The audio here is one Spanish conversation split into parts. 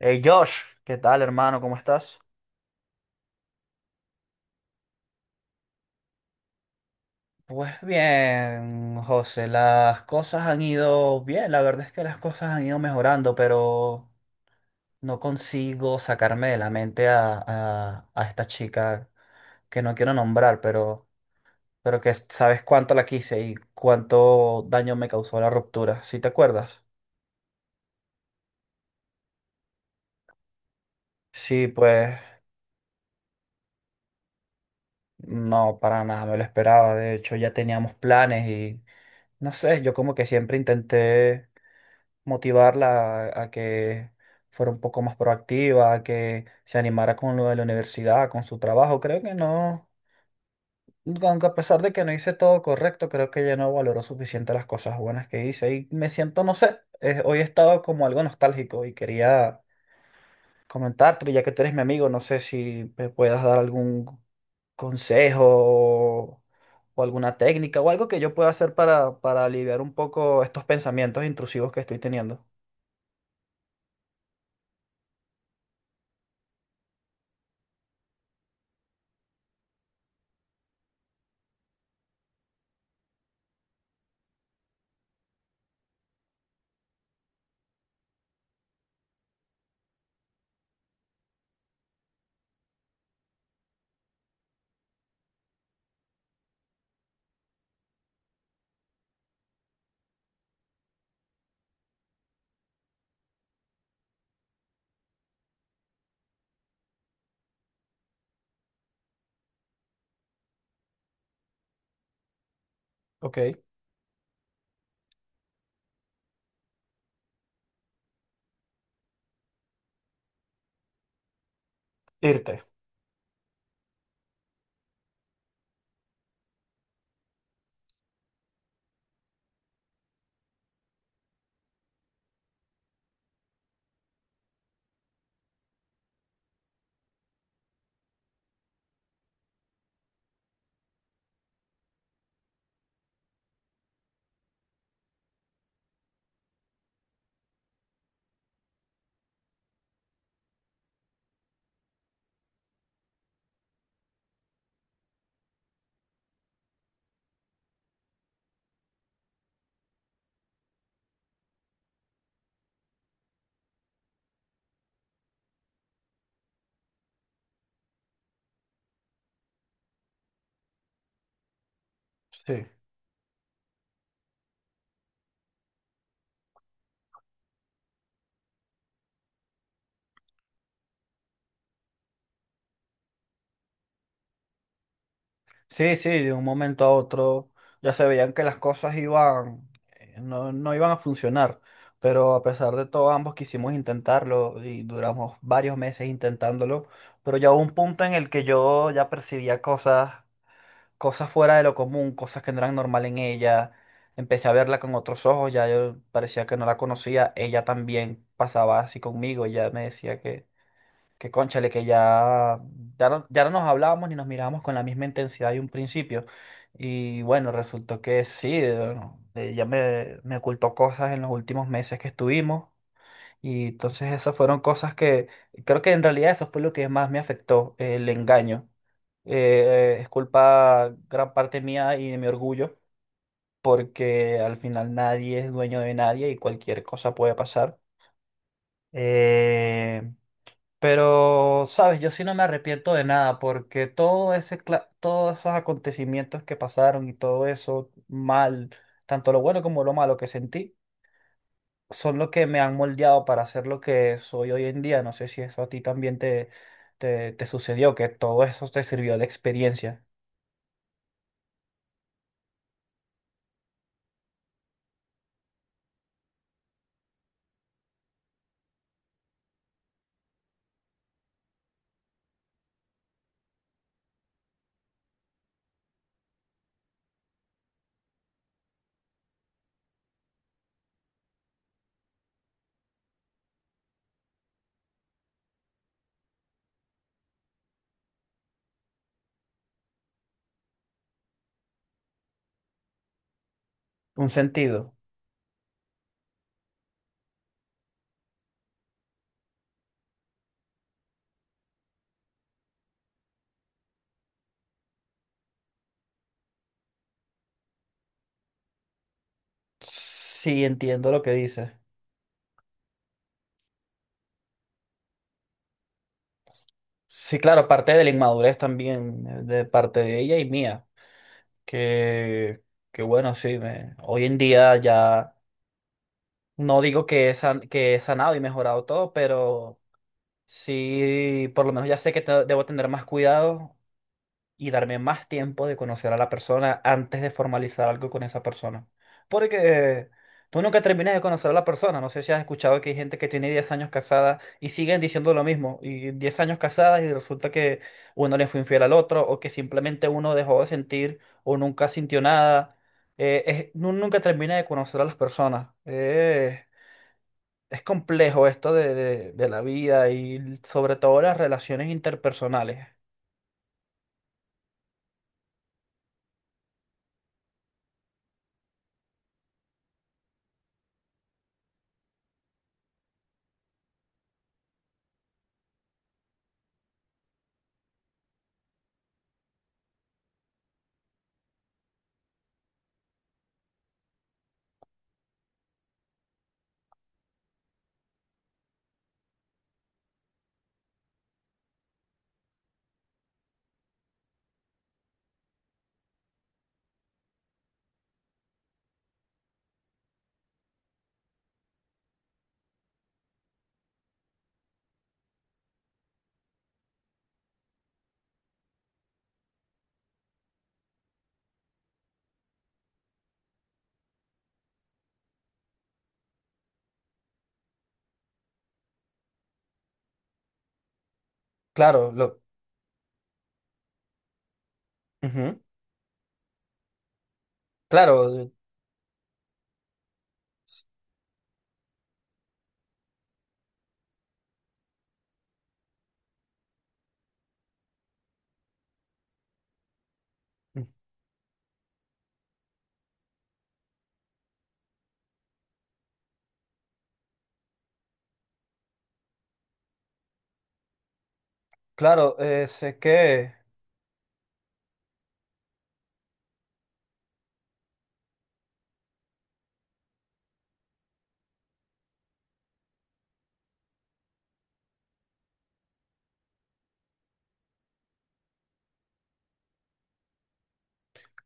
Hey Josh, ¿qué tal, hermano? ¿Cómo estás? Pues bien, José, las cosas han ido bien, la verdad es que las cosas han ido mejorando, pero no consigo sacarme de la mente a esta chica que no quiero nombrar, pero que sabes cuánto la quise y cuánto daño me causó la ruptura. ¿Sí te acuerdas? Sí, pues no, para nada, me lo esperaba, de hecho ya teníamos planes. No sé, yo como que siempre intenté motivarla a que fuera un poco más proactiva, a que se animara con lo de la universidad, con su trabajo. Creo que no, aunque a pesar de que no hice todo correcto, creo que ella no valoró suficiente las cosas buenas que hice y me siento, no sé, hoy he estado como algo nostálgico y quería comentarte, ya que tú eres mi amigo, no sé si me puedas dar algún consejo o alguna técnica o algo que yo pueda hacer para aliviar un poco estos pensamientos intrusivos que estoy teniendo. Ok, irte. Sí, sí, sí, de un momento a otro ya se veían que las cosas iban, no, no iban a funcionar, pero a pesar de todo ambos quisimos intentarlo y duramos varios meses intentándolo, pero ya hubo un punto en el que yo ya percibía cosas fuera de lo común, cosas que no eran normal en ella. Empecé a verla con otros ojos, ya yo parecía que no la conocía. Ella también pasaba así conmigo, ella me decía que cónchale, que ya, ya no, ya no nos hablábamos ni nos mirábamos con la misma intensidad de un principio. Y bueno, resultó que sí, bueno, ella me ocultó cosas en los últimos meses que estuvimos. Y entonces esas fueron cosas que creo que en realidad eso fue lo que más me afectó, el engaño. Es culpa gran parte mía y de mi orgullo, porque al final nadie es dueño de nadie y cualquier cosa puede pasar. Eh, pero, sabes, yo sí no me arrepiento de nada, porque todo ese, todos esos acontecimientos que pasaron y todo eso mal, tanto lo bueno como lo malo que sentí, son lo que me han moldeado para ser lo que soy hoy en día. No sé si eso a ti también te sucedió, que todo eso te sirvió de experiencia, un sentido. Sí, entiendo lo que dices. Sí, claro, parte de la inmadurez también, de parte de ella y mía, que, que bueno, sí, hoy en día ya no digo que que he sanado y mejorado todo, pero sí, por lo menos ya sé que debo tener más cuidado y darme más tiempo de conocer a la persona antes de formalizar algo con esa persona. Porque tú nunca terminas de conocer a la persona. No sé si has escuchado que hay gente que tiene 10 años casada y siguen diciendo lo mismo. Y 10 años casadas y resulta que uno le fue infiel al otro o que simplemente uno dejó de sentir o nunca sintió nada. Nunca termina de conocer a las personas. Es complejo esto de la vida y sobre todo las relaciones interpersonales. Claro, lo... Ujú. Claro, claro, sé que,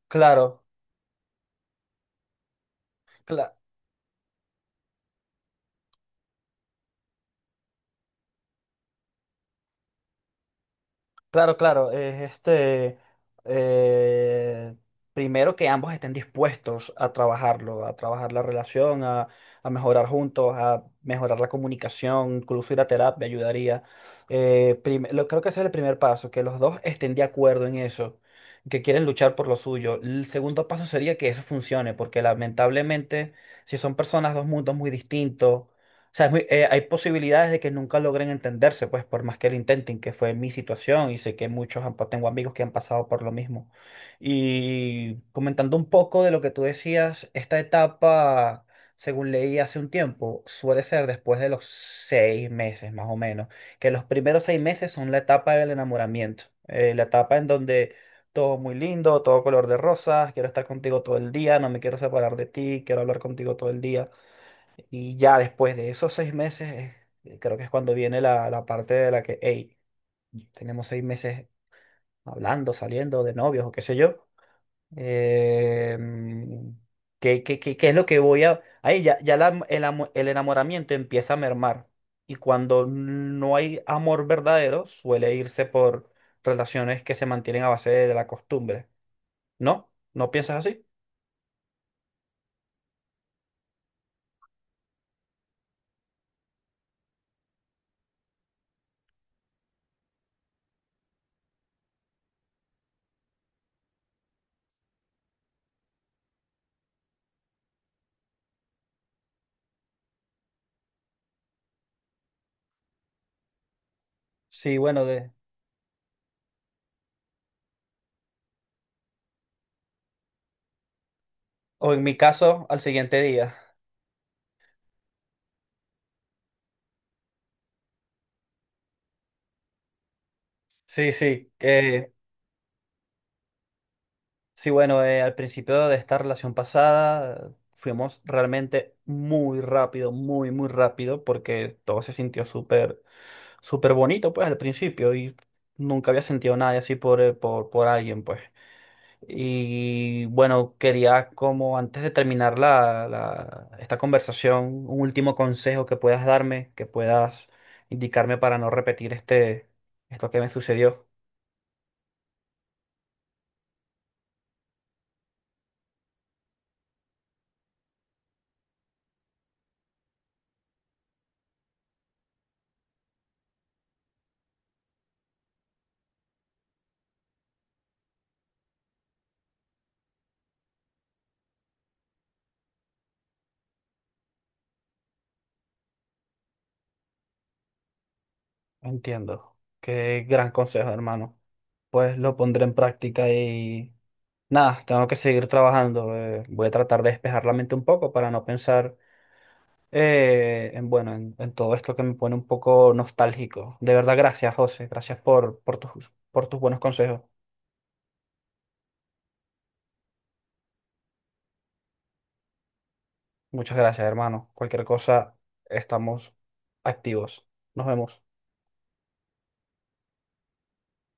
claro, cla- claro, es este, eh, primero que ambos estén dispuestos a trabajarlo, a trabajar la relación, a mejorar juntos, a mejorar la comunicación, incluso ir a terapia ayudaría. Creo que ese es el primer paso, que los dos estén de acuerdo en eso, que quieren luchar por lo suyo. El segundo paso sería que eso funcione, porque lamentablemente, si son personas, dos mundos muy distintos, sea, hay posibilidades de que nunca logren entenderse, pues por más que lo intenten, que fue mi situación y sé que muchos tengo amigos que han pasado por lo mismo. Y comentando un poco de lo que tú decías, esta etapa, según leí hace un tiempo, suele ser después de los 6 meses más o menos, que los primeros 6 meses son la etapa del enamoramiento, la etapa en donde... Todo muy lindo, todo color de rosas, quiero estar contigo todo el día, no me quiero separar de ti, quiero hablar contigo todo el día. Y ya después de esos 6 meses, creo que es cuando viene la parte de la que, hey, tenemos 6 meses hablando, saliendo de novios o qué sé yo. em, qué es lo que voy a...? Ahí ya, el enamoramiento empieza a mermar. Y cuando no hay amor verdadero, suele irse por relaciones que se mantienen a base de la costumbre. ¿No? ¿No piensas así? Sí, bueno, de... O en mi caso, al siguiente día. Sí, sí, que... Sí, bueno, al principio de esta relación pasada fuimos realmente muy rápido, muy, muy rápido, porque todo se sintió súper, súper bonito, pues, al principio, y nunca había sentido nada así por alguien, pues. Y bueno, quería como antes de terminar esta conversación, un último consejo que puedas darme, que puedas indicarme para no repetir esto que me sucedió. Entiendo. Qué gran consejo, hermano. Pues lo pondré en práctica y nada, tengo que seguir trabajando. Voy a tratar de despejar la mente un poco para no pensar en todo esto que me pone un poco nostálgico. De verdad, gracias, José. Gracias por tus buenos consejos. Muchas gracias, hermano. Cualquier cosa, estamos activos. Nos vemos.